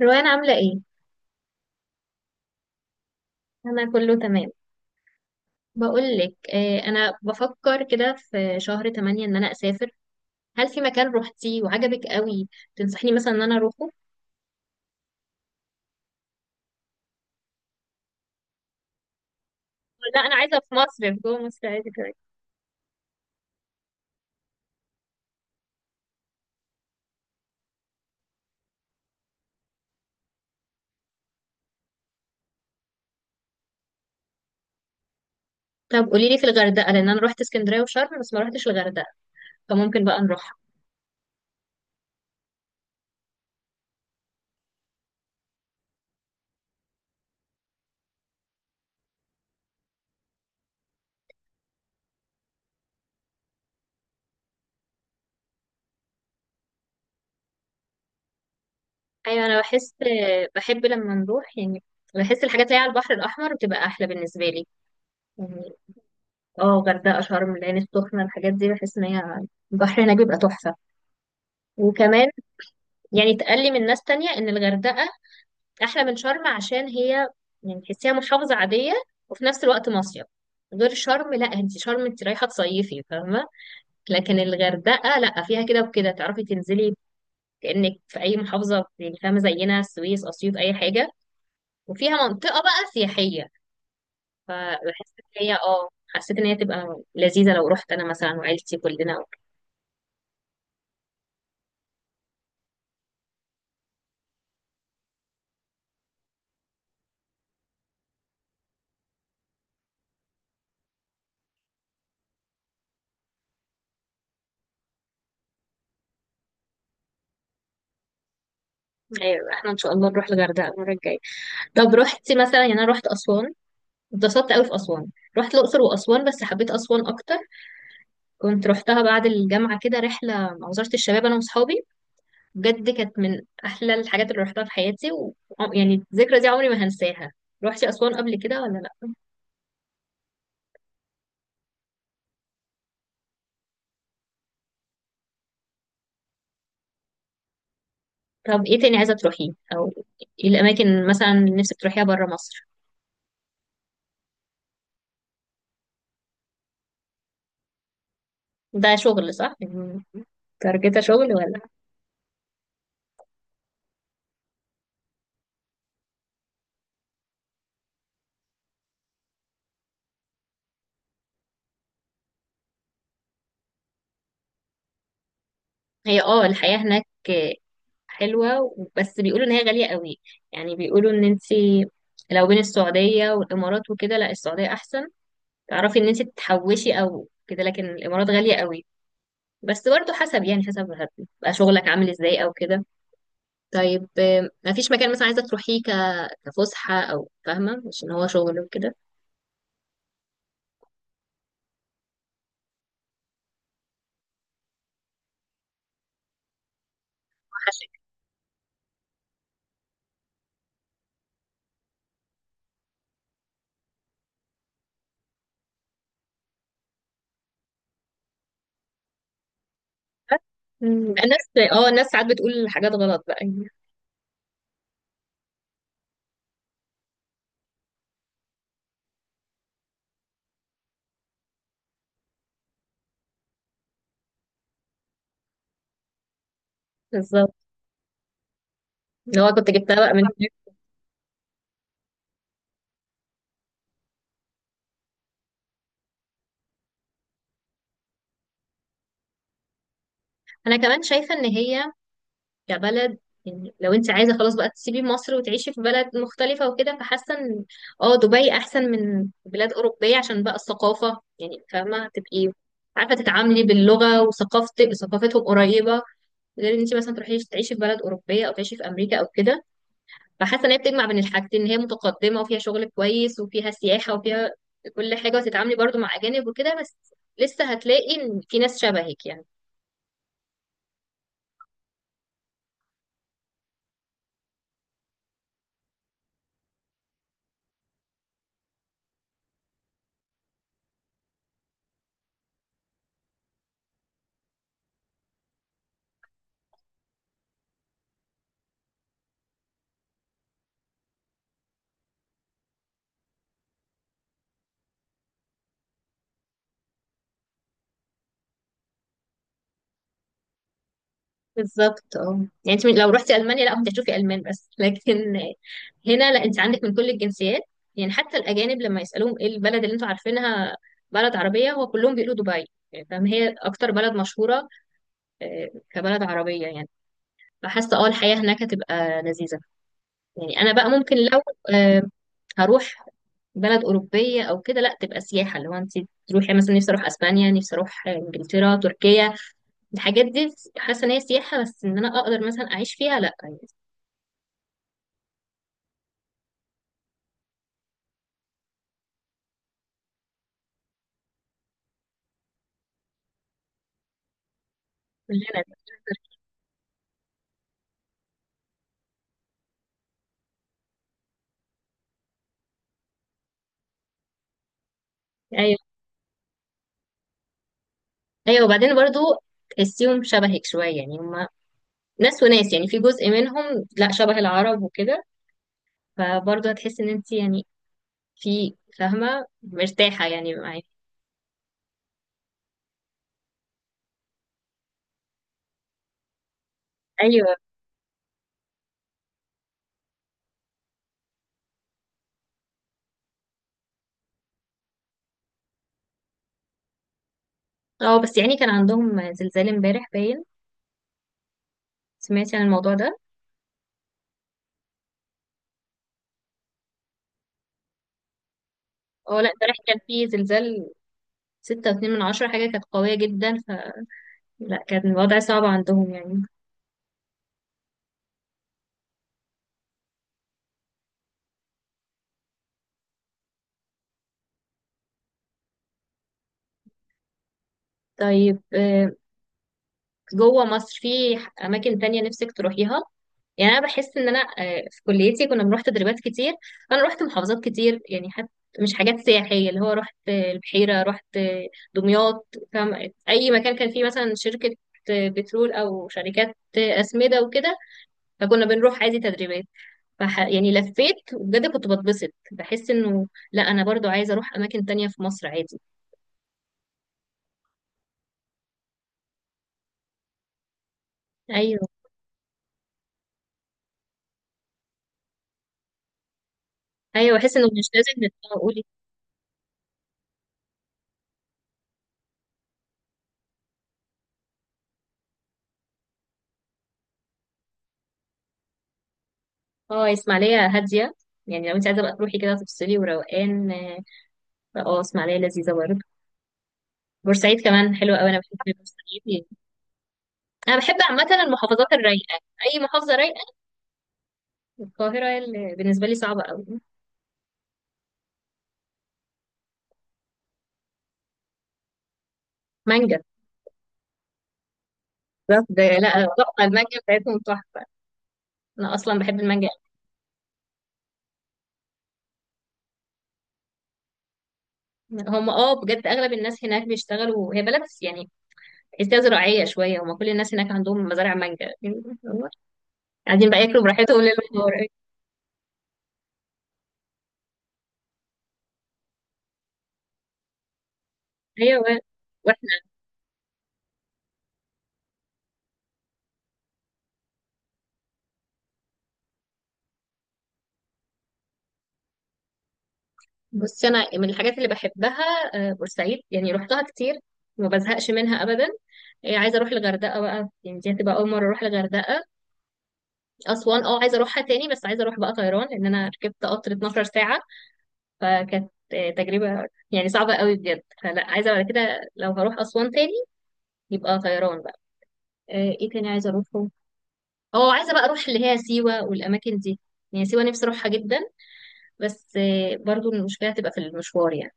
روان عاملة ايه؟ أنا كله تمام. بقولك، أنا بفكر كده في شهر تمانية إن أنا أسافر. هل في مكان روحتيه وعجبك قوي، تنصحيني مثلا إن أنا أروحه؟ لا، أنا عايزة في مصر، في جوه مصر عادي كمان. طب قوليلي في الغردقة، لأن أنا روحت اسكندرية وشرم بس ما روحتش الغردقة، فممكن بقى نروحها. أيوة، أنا بحس، بحب لما نروح يعني، بحس الحاجات اللي هي على البحر الأحمر بتبقى أحلى بالنسبة لي، يعني، اه غردقة، شرم، العين السخنة، الحاجات دي بحس إن هي البحر هناك بيبقى تحفة. وكمان يعني اتقال لي من ناس تانية ان الغردقة احلى من شرم، عشان هي يعني تحسيها محافظة عادية وفي نفس الوقت مصيف. غير شرم، لا انت شرم انت رايحة تصيفي، فاهمة؟ لكن الغردقة لا، فيها كده وكده، تعرفي تنزلي كأنك في اي محافظة يعني، فاهمة؟ زينا السويس، اسيوط، اي حاجة، وفيها منطقة بقى سياحية. فبحس ان هي، حسيت ان هي تبقى لذيذة لو رحت انا مثلا وعيلتي كلنا. ايوه، احنا ان شاء الله نروح الغردقة المرة الجاية. طب رحتي مثلا؟ يعني انا رحت اسوان، اتبسطت قوي في أسوان. رحت الأقصر وأسوان بس حبيت أسوان أكتر. كنت رحتها بعد الجامعة كده، رحلة مع وزارة الشباب، أنا وصحابي. بجد كانت من أحلى الحاجات اللي رحتها في حياتي يعني الذكرى دي عمري ما هنساها. روحتي أسوان قبل كده ولا لأ؟ طب إيه تاني عايزة تروحيه، أو إيه الأماكن مثلا اللي نفسك تروحيها برا مصر؟ ده شغل، صح؟ يعني تارجتها شغل ولا؟ هي الحياة هناك حلوة بس بيقولوا إن هي غالية قوي، يعني بيقولوا إن أنت لو بين السعودية والإمارات وكده، لا السعودية أحسن، تعرفي إن أنت تحوشي أو كده، لكن الإمارات غالية قوي. بس برضه حسب، يعني حسب هتبقى شغلك عامل إزاي أو كده. طيب مفيش مكان مثلا عايزة تروحيه كفسحة، أو فاهمة مش إن هو شغل وكده؟ وحشك. الناس، الناس ساعات بتقول حاجات غلط بقى يعني. بالظبط، اللي هو كنت جبتها بقى من هناك. أنا كمان شايفة إن هي كبلد، يعني لو انت عايزه خلاص بقى تسيبي مصر وتعيشي في بلد مختلفه وكده، فحاسه ان، اه دبي احسن من بلاد اوروبيه، عشان بقى الثقافه يعني، فاهمه؟ تبقي عارفه تتعاملي باللغه، وثقافتك ثقافتهم قريبه. غير ان انت مثلا تروحي تعيشي في بلد اوروبيه، او تعيشي في امريكا او كده. فحاسه ان هي بتجمع بين الحاجتين، ان هي متقدمه وفيها شغل كويس وفيها سياحه وفيها كل حاجه، وتتعاملي برضو مع اجانب وكده، بس لسه هتلاقي ان في ناس شبهك يعني. بالظبط، اه يعني انت لو رحتي المانيا لا كنت هتشوفي المان بس لكن هنا لا، انت عندك من كل الجنسيات. يعني حتى الاجانب لما يسالوهم ايه البلد اللي انتوا عارفينها بلد عربيه، هو كلهم بيقولوا دبي، يعني فاهم هي اكتر بلد مشهوره، كبلد عربيه يعني. فحاسه اه الحياه هناك هتبقى لذيذه. يعني انا بقى ممكن لو، آه، هروح بلد اوروبيه او كده، لا تبقى سياحه، اللي هو انت تروحي مثلا. نفسي اروح اسبانيا، نفسي اروح انجلترا، تركيا. الحاجات دي حاسه ان هي سياحه بس، ان انا اقدر مثلا اعيش فيها، لا يعني. اللي أنا، ايوه. ايوه، وبعدين برضو تحسيهم شبهك شويه، يعني هم ناس وناس يعني، في جزء منهم لا شبه العرب وكده، فبرضو هتحس ان انت يعني في، فاهمه، مرتاحه يعني معايا. ايوه، اه بس يعني كان عندهم زلزال امبارح باين. سمعتي عن الموضوع ده؟ اه لا، امبارح كان في زلزال، 6.2 من 10، حاجة كانت قوية جدا، فلا، كان الوضع صعب عندهم يعني. طيب جوه مصر في اماكن تانية نفسك تروحيها؟ يعني انا بحس ان انا، في كليتي كنا بنروح تدريبات كتير، فانا رحت محافظات كتير يعني. حتى مش حاجات سياحية، اللي هو رحت البحيرة، رحت دمياط، فاهم؟ اي مكان كان فيه مثلا شركة بترول، او شركات اسمدة وكده، فكنا بنروح عادي تدريبات. يعني لفيت، وبجد كنت بتبسط، بحس انه لا انا برضو عايزة اروح اماكن تانية في مصر عادي. ايوه، ايوه، بحس انه مش لازم نتقول، اه اسماعيلية هادية. يعني لو انت عايزة بقى تروحي كده تفصلي وروقان اه، اسماعيلية لذيذة برضه. بورسعيد كمان حلوة قوي، انا بحب بورسعيد يعني. انا بحب عامة المحافظات الرايقة، اي محافظة رايقة. القاهرة اللي بالنسبة لي صعبة قوي. مانجا. بالظبط، ده لا تحفة، المانجا بتاعتهم تحفة. انا اصلا بحب المانجا أوي. هم اه بجد اغلب الناس هناك بيشتغلوا، هي بلد يعني تحسيها زراعية شوية، هم كل الناس هناك عندهم مزارع مانجا، قاعدين بقى ياكلوا براحتهم ليل ونهار. ايوه، بصي، انا من الحاجات اللي بحبها بورسعيد، يعني روحتها كتير وما بزهقش منها ابدا. عايزه اروح الغردقه بقى يعني، دي هتبقى اول مره اروح الغردقه. اسوان اه عايزه اروحها تاني، بس عايزه اروح بقى طيران لان انا ركبت قطر 12 ساعه، فكانت تجربه يعني صعبه قوي بجد، فلا عايزه بعد كده لو هروح اسوان تاني يبقى طيران بقى. آه، ايه تاني عايزه اروحه؟ اه عايزه بقى اروح اللي هي سيوه والاماكن دي، يعني سيوه نفسي اروحها جدا، بس برضو المشكله هتبقى في المشوار يعني.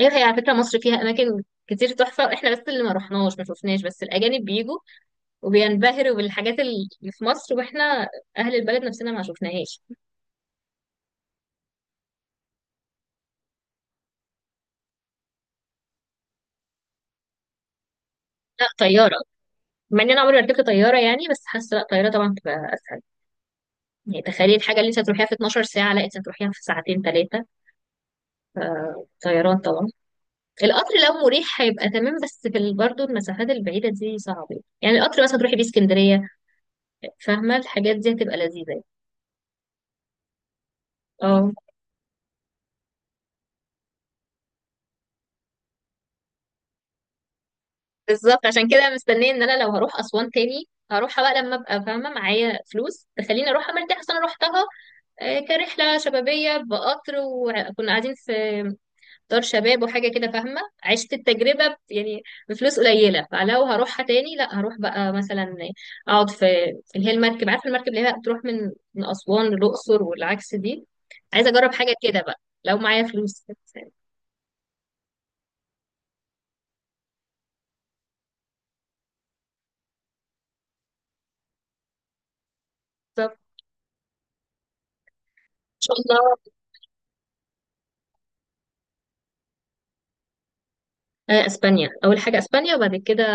ايوه، هي على فكره مصر فيها اماكن كتير تحفه، احنا بس اللي ما رحناش ما شفناش، بس الاجانب بيجوا وبينبهروا بالحاجات اللي في مصر، واحنا اهل البلد نفسنا ما شفناهاش. لا طياره. مع ان انا عمري ما ركبت طياره يعني، بس حاسه لا طياره طبعا تبقى اسهل، يعني تخيلي الحاجه اللي انت هتروحيها في 12 ساعه لا انت هتروحيها في ساعتين ثلاثه. طيران طبعا. القطر لو مريح هيبقى تمام، بس في برضه المسافات البعيده دي صعبه يعني، القطر مثلا تروحي بيه اسكندريه، فاهمه؟ الحاجات دي هتبقى لذيذه. اه بالظبط، عشان كده مستنيه ان انا لو هروح اسوان تاني، هروحها بقى لما ابقى فاهمه معايا فلوس تخليني اروحها مرتاحه، أصل انا روحتها كرحله شبابيه بقطر، وكنا قاعدين في دار شباب وحاجه كده، فاهمه؟ عشت التجربه يعني بفلوس قليله، فلو هروحها تاني لا هروح بقى مثلا اقعد في اللي هي المركب، عارفه المركب اللي هي بتروح من اسوان للاقصر والعكس دي، عايزه اجرب حاجه كده بقى لو معايا فلوس بالظبط. ان شاء الله، اسبانيا اول حاجه، اسبانيا وبعد كده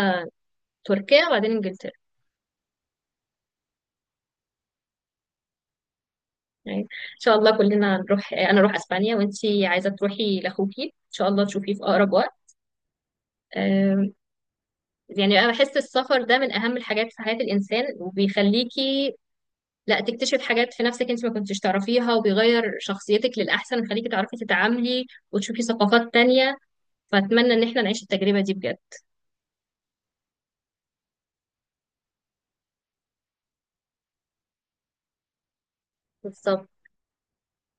تركيا، وبعدين انجلترا. يعني ان شاء الله كلنا نروح، انا اروح اسبانيا وانتي عايزه تروحي لاخوكي ان شاء الله تشوفيه في اقرب وقت. آم، يعني انا بحس السفر ده من اهم الحاجات في حياه الانسان، وبيخليكي لا تكتشف حاجات في نفسك انت ما كنتش تعرفيها، وبيغير شخصيتك للاحسن، ويخليكي تعرفي تتعاملي وتشوفي ثقافات تانية. فاتمنى ان احنا نعيش التجربه دي بجد. بالظبط.